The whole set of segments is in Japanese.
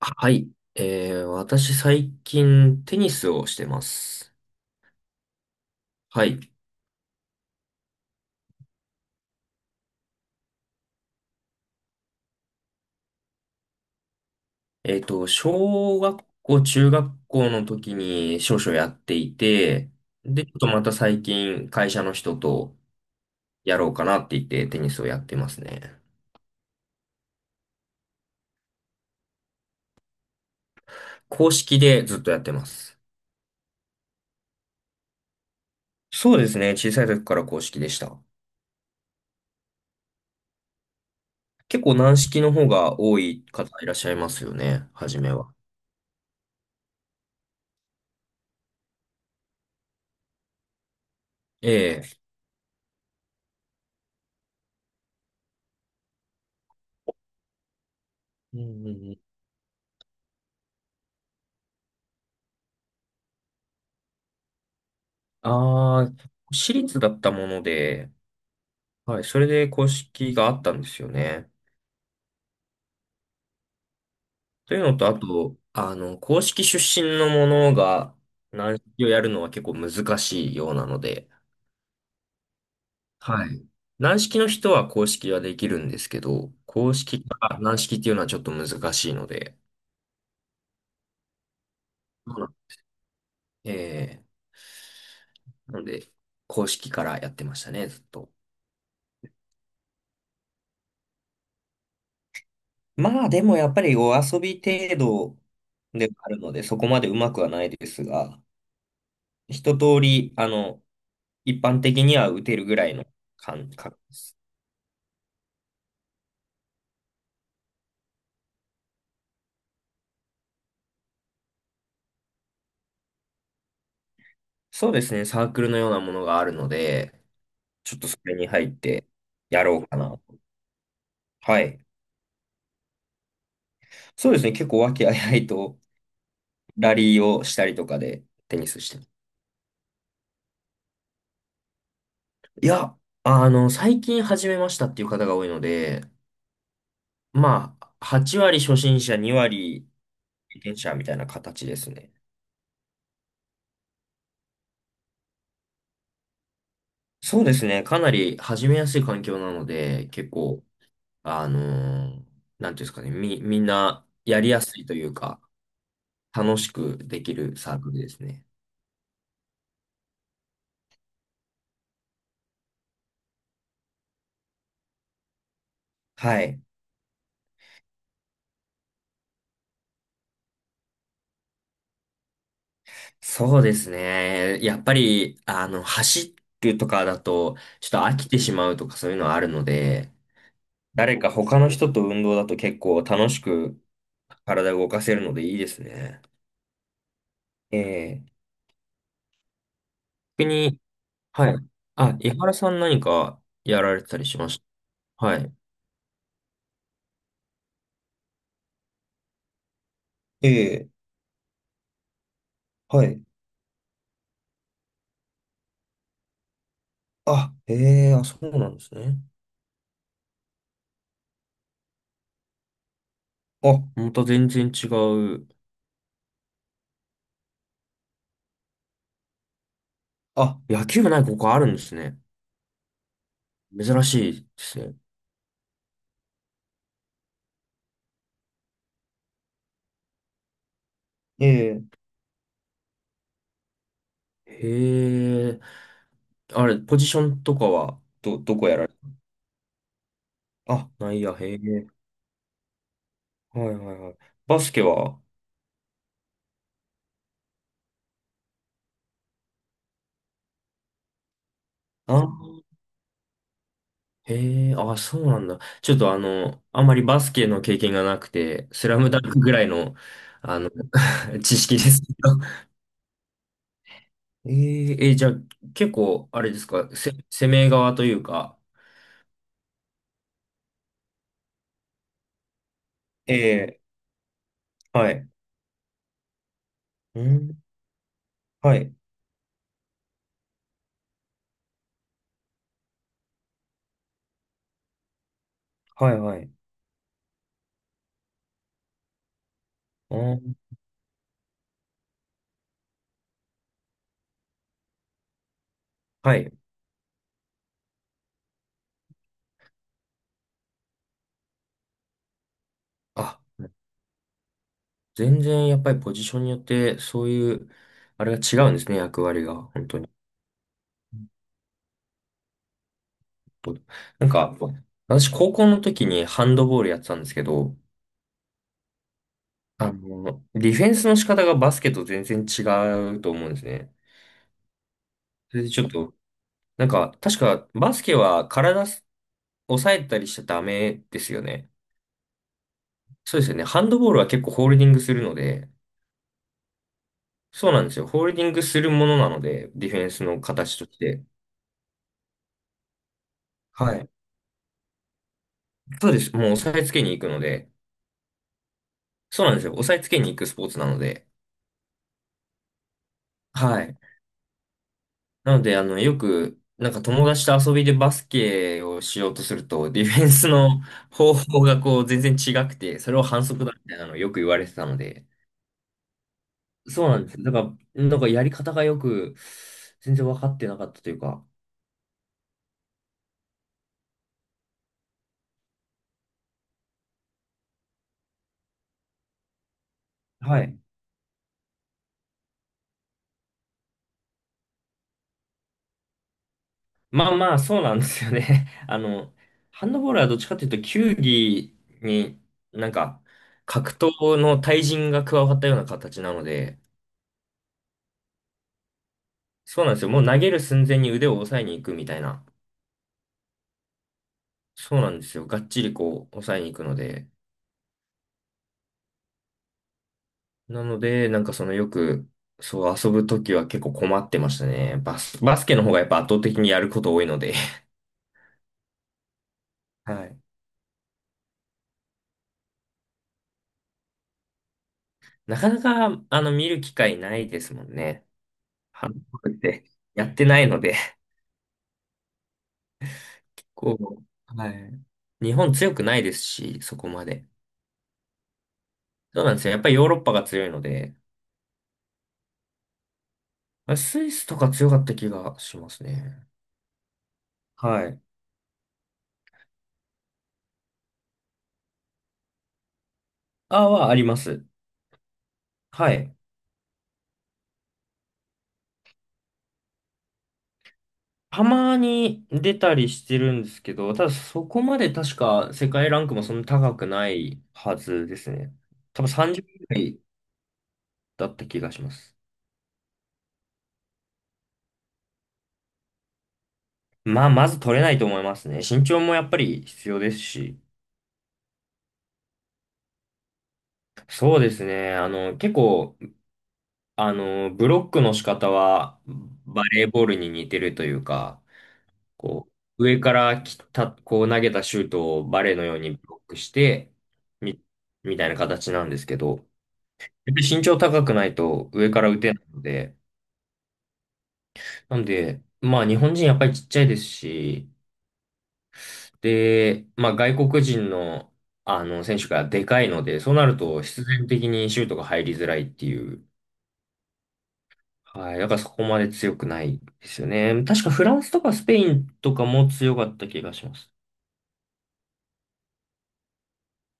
はい。私最近テニスをしてます。はい。小学校、中学校の時に少々やっていて、で、ちょっとまた最近会社の人とやろうかなって言ってテニスをやってますね。公式でずっとやってます。そうですね。小さい時から公式でした。結構軟式の方が多い方いらっしゃいますよね。初めは。ええ。うんうんうん。ああ、私立だったもので、はい、それで公式があったんですよね。というのと、あと、公式出身のものが軟式をやるのは結構難しいようなので、はい。軟式の人は公式はできるんですけど、公式から軟式っていうのはちょっと難しいので、そうなんえー、なので、公式からやってましたね、ずっと。まあ、でもやっぱりお遊び程度ではあるので、そこまでうまくはないですが、一通り、一般的には打てるぐらいの感覚です。そうですね、サークルのようなものがあるので、ちょっとそれに入ってやろうかな。はい。そうですね、結構和気あいあいとラリーをしたりとかでテニスしてます。いや、最近始めましたっていう方が多いので、まあ、8割初心者、2割経験者みたいな形ですね。そうですね、かなり始めやすい環境なので、結構、あのーなんていうんですかね、みんなやりやすいというか、楽しくできるサークルですね。はい。そうですね。やっぱり、走るとかだと、ちょっと飽きてしまうとかそういうのはあるので、誰か他の人と運動だと結構楽しく体を動かせるのでいいですね。ええ。逆に、はい。あ、井原さん何かやられてたりしました。はい。ええ、はい。あ、ええ、あ、そうなんですね。あ、また全然違う。あ、野球部ないここあるんですね。珍しいですね。ええ。へえ。あれ、ポジションとかは、どこやられあ、ないや、へえ。はいはいはい。バスケはあ、へえ、あ、そうなんだ。ちょっとあんまりバスケの経験がなくて、スラムダンクぐらいの、あの、知識ですけど。じゃあ、結構、あれですか、攻め側というか。ええ、はい。うん、はい、はい、はい。うん。はい。あ全然やっぱりポジションによってそういう、あれが違うんですね、役割が、本当に。なんか、私高校の時にハンドボールやってたんですけど、ディフェンスの仕方がバスケと全然違うと思うんですね。それでちょっと、なんか、確かバスケは抑えたりしちゃダメですよね。そうですよね。ハンドボールは結構ホールディングするので、そうなんですよ。ホールディングするものなので、ディフェンスの形として。はい。そうです。もう押さえつけに行くので、そうなんですよ。押さえつけに行くスポーツなので。はい。なので、よく、なんか友達と遊びでバスケをしようとすると、ディフェンスの方法がこう全然違くて、それを反則だみたいなのをよく言われてたので。そうなんです。だから、なんかやり方がよく、全然分かってなかったというか。はい。まあまあ、そうなんですよね。ハンドボールはどっちかというと、球技になんか、格闘の対人が加わったような形なので、そうなんですよ。もう投げる寸前に腕を押さえに行くみたいな。そうなんですよ。がっちりこう、押さえに行くので。なので、なんかそのよく、そう遊ぶときは結構困ってましたね。バスケの方がやっぱ圧倒的にやること多いので。はい。なかなか、見る機会ないですもんね。ハンドボールってやってないので。こう、はい。日本強くないですし、そこまで。そうなんですよ。やっぱりヨーロッパが強いので、まあスイスとか強かった気がしますね。はい。ああはあります。はい。たまに出たりしてるんですけど、ただそこまで確か世界ランクもそんな高くないはずですね。多分30位ぐらいだった気がします。まあ、まず取れないと思いますね。身長もやっぱり必要ですし。そうですね。結構、ブロックの仕方はバレーボールに似てるというか、こう、上から来た、こう投げたシュートをバレーのようにブロックして、み、みたいな形なんですけど、やっぱり身長高くないと上から打てないので、なんで、まあ日本人やっぱりちっちゃいですし、で、まあ外国人のあの選手がでかいので、そうなると必然的にシュートが入りづらいっていう、はい、だからそこまで強くないですよね。確かフランスとかスペインとかも強かった気がします。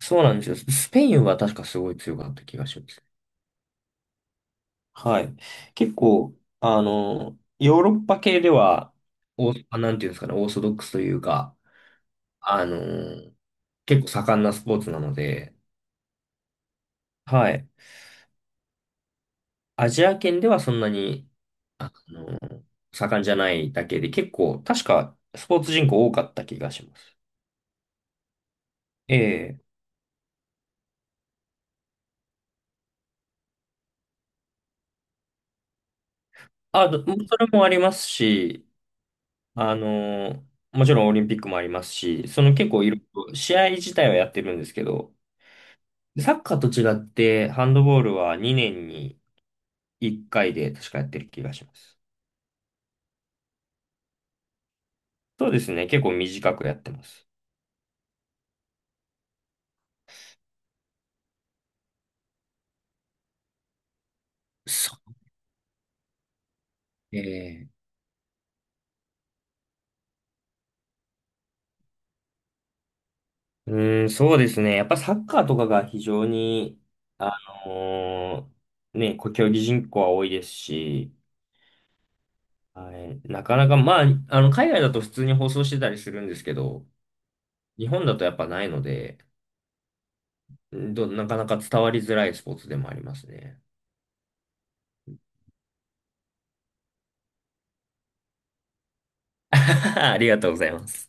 そうなんですよ。スペインは確かすごい強かった気がします。はい。結構、ヨーロッパ系では、なんていうんですかね、オーソドックスというか、あのー結構盛んなスポーツなので、はい。アジア圏ではそんなに、あのー盛んじゃないだけで、結構、確かスポーツ人口多かった気がします。ええ。それもありますし、あのーもちろんオリンピックもありますし、その結構いろいろ、試合自体はやってるんですけど、サッカーと違って、ハンドボールは2年に1回で確かやってる気がします。そうですね。結構短くやってます。そう。ええ、うーん、そうですね。やっぱサッカーとかが非常に、あのね、競技人口は多いですし、はい、なかなか、まあ、海外だと普通に放送してたりするんですけど、日本だとやっぱないので、なかなか伝わりづらいスポーツでもありますね。ありがとうございます。